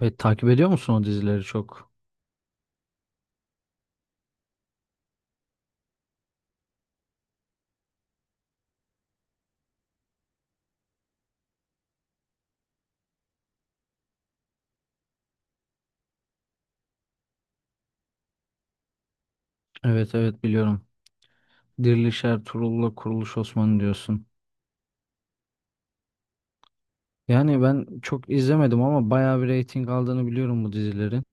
Evet, takip ediyor musun o dizileri çok? Evet, evet, biliyorum. Diriliş Ertuğrul'la Kuruluş Osman'ı diyorsun. Yani ben çok izlemedim ama bayağı bir reyting aldığını biliyorum bu dizilerin.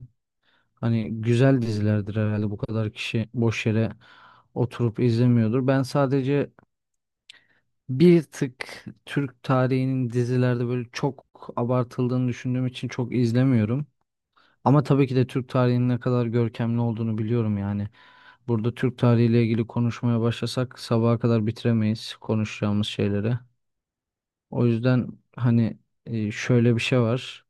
Hani güzel dizilerdir herhalde, bu kadar kişi boş yere oturup izlemiyordur. Ben sadece bir tık Türk tarihinin dizilerde böyle çok abartıldığını düşündüğüm için çok izlemiyorum. Ama tabii ki de Türk tarihinin ne kadar görkemli olduğunu biliyorum yani. Burada Türk tarihiyle ilgili konuşmaya başlasak sabaha kadar bitiremeyiz konuşacağımız şeyleri. O yüzden hani şöyle bir şey var.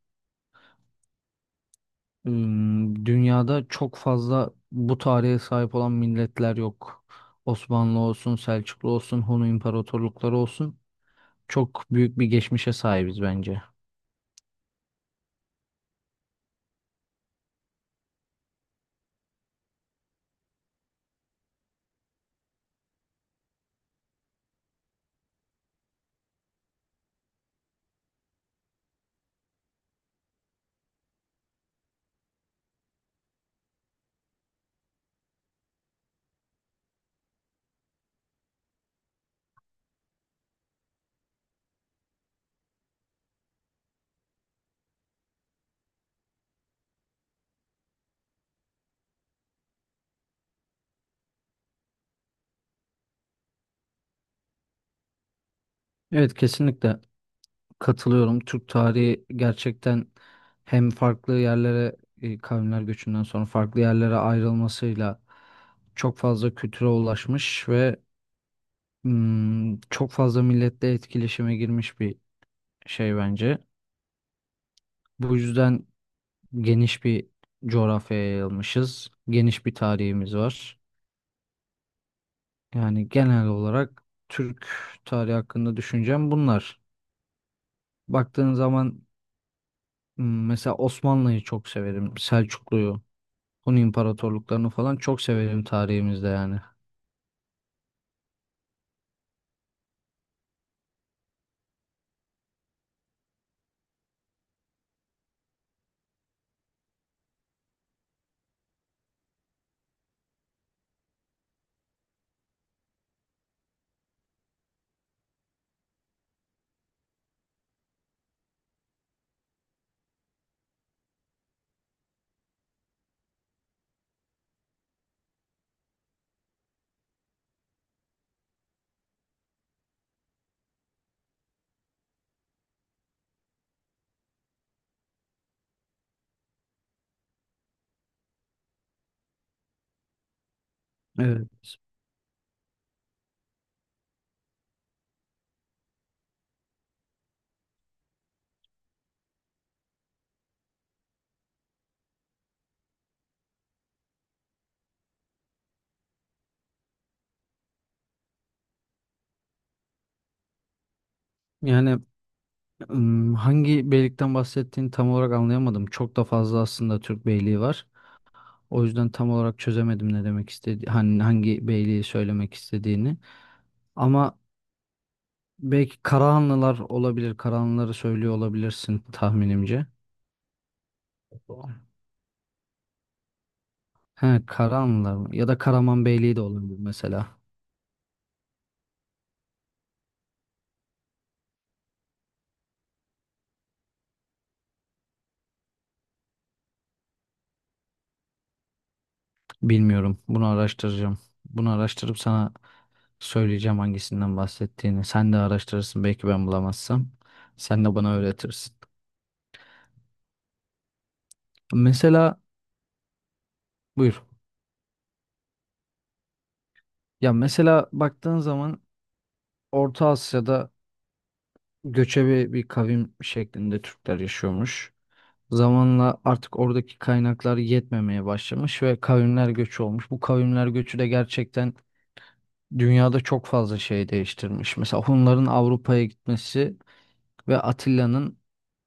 Dünyada çok fazla bu tarihe sahip olan milletler yok. Osmanlı olsun, Selçuklu olsun, Hun imparatorlukları olsun. Çok büyük bir geçmişe sahibiz bence. Evet, kesinlikle. Katılıyorum. Türk tarihi gerçekten hem farklı yerlere kavimler göçünden sonra farklı yerlere ayrılmasıyla çok fazla kültüre ulaşmış ve çok fazla milletle etkileşime girmiş bir şey bence. Bu yüzden geniş bir coğrafyaya yayılmışız. Geniş bir tarihimiz var. Yani genel olarak Türk tarihi hakkında düşüncem bunlar. Baktığın zaman mesela Osmanlı'yı çok severim. Selçuklu'yu. Hun imparatorluklarını falan çok severim tarihimizde yani. Evet. Yani hangi beylikten bahsettiğini tam olarak anlayamadım. Çok da fazla aslında Türk beyliği var. O yüzden tam olarak çözemedim ne demek istedi, hani hangi beyliği söylemek istediğini. Ama belki Karahanlılar olabilir. Karahanlıları söylüyor olabilirsin tahminimce. He, Karahanlılar mı? Ya da Karaman Beyliği de olabilir mesela. Bilmiyorum. Bunu araştıracağım. Bunu araştırıp sana söyleyeceğim hangisinden bahsettiğini. Sen de araştırırsın belki ben bulamazsam. Sen de bana öğretirsin. Mesela buyur. Ya mesela baktığın zaman Orta Asya'da göçebe bir kavim şeklinde Türkler yaşıyormuş. Zamanla artık oradaki kaynaklar yetmemeye başlamış ve kavimler göçü olmuş. Bu kavimler göçü de gerçekten dünyada çok fazla şey değiştirmiş. Mesela Hunların Avrupa'ya gitmesi ve Atilla'nın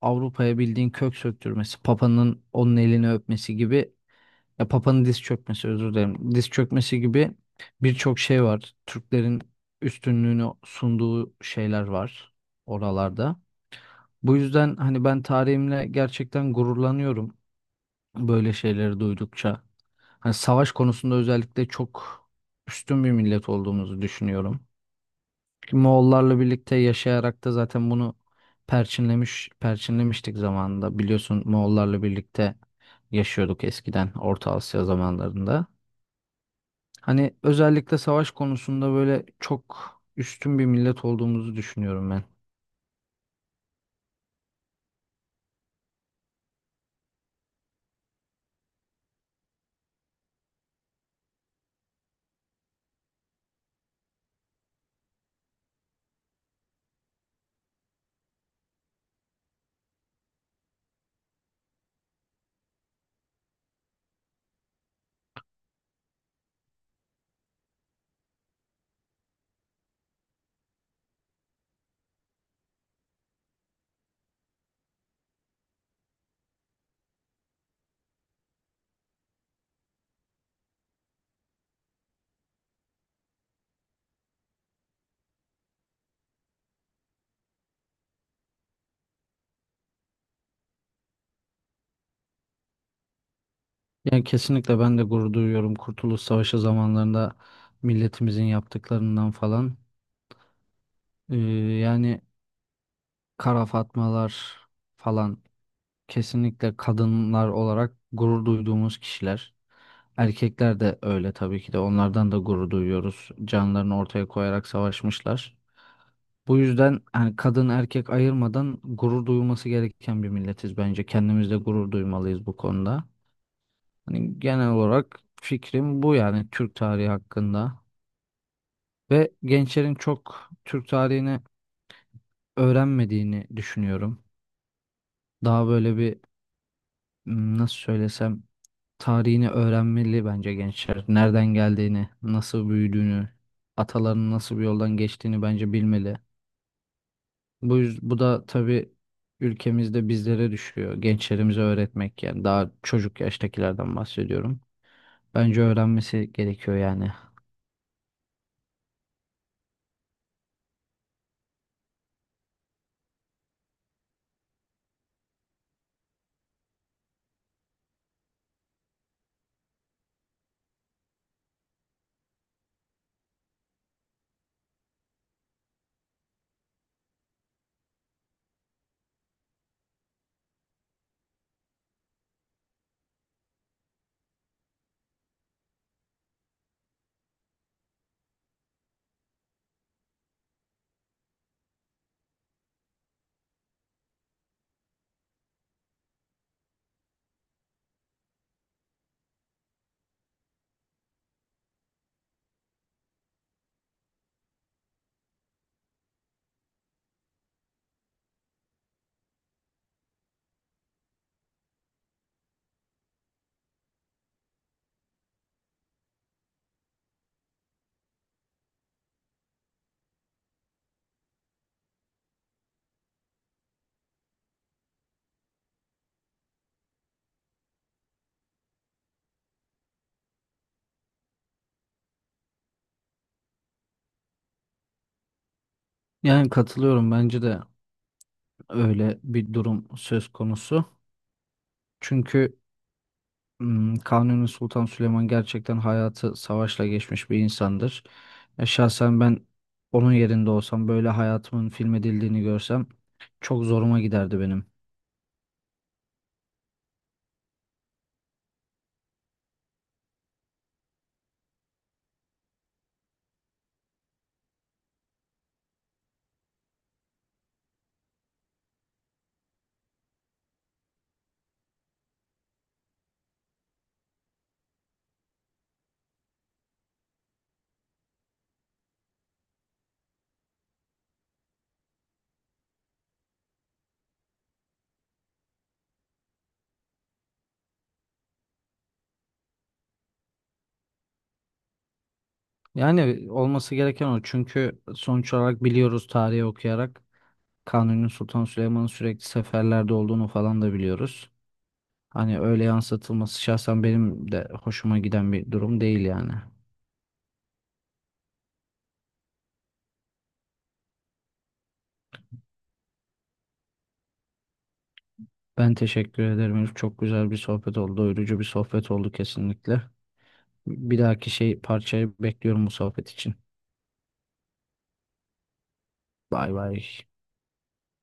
Avrupa'ya bildiğin kök söktürmesi, Papa'nın onun elini öpmesi gibi, ya Papa'nın diz çökmesi, özür dilerim. Diz çökmesi gibi birçok şey var. Türklerin üstünlüğünü sunduğu şeyler var oralarda. Bu yüzden hani ben tarihimle gerçekten gururlanıyorum böyle şeyleri duydukça. Hani savaş konusunda özellikle çok üstün bir millet olduğumuzu düşünüyorum. Ki Moğollarla birlikte yaşayarak da zaten bunu perçinlemiştik zamanında. Biliyorsun, Moğollarla birlikte yaşıyorduk eskiden Orta Asya zamanlarında. Hani özellikle savaş konusunda böyle çok üstün bir millet olduğumuzu düşünüyorum ben. Yani kesinlikle ben de gurur duyuyorum Kurtuluş Savaşı zamanlarında milletimizin yaptıklarından falan. Ee, yani kara fatmalar falan kesinlikle kadınlar olarak gurur duyduğumuz kişiler. Erkekler de öyle tabii ki de, onlardan da gurur duyuyoruz. Canlarını ortaya koyarak savaşmışlar. Bu yüzden hani kadın erkek ayırmadan gurur duyulması gereken bir milletiz bence. Kendimizde gurur duymalıyız bu konuda. Hani genel olarak fikrim bu yani Türk tarihi hakkında, ve gençlerin çok Türk tarihini öğrenmediğini düşünüyorum. Daha böyle bir, nasıl söylesem, tarihini öğrenmeli bence gençler. Nereden geldiğini, nasıl büyüdüğünü, atalarının nasıl bir yoldan geçtiğini bence bilmeli. Bu da tabii ülkemizde bizlere düşüyor. Gençlerimize öğretmek, yani daha çocuk yaştakilerden bahsediyorum. Bence öğrenmesi gerekiyor yani. Yani katılıyorum, bence de öyle bir durum söz konusu. Çünkü Kanuni Sultan Süleyman gerçekten hayatı savaşla geçmiş bir insandır. Şahsen ben onun yerinde olsam, böyle hayatımın filmedildiğini görsem çok zoruma giderdi benim. Yani olması gereken o, çünkü sonuç olarak biliyoruz tarihi okuyarak Kanuni Sultan Süleyman'ın sürekli seferlerde olduğunu falan da biliyoruz. Hani öyle yansıtılması şahsen benim de hoşuma giden bir durum değil yani. Ben teşekkür ederim, Elif. Çok güzel bir sohbet oldu. Doyurucu bir sohbet oldu kesinlikle. Bir dahaki şey parçayı bekliyorum bu sohbet için. Bay bay.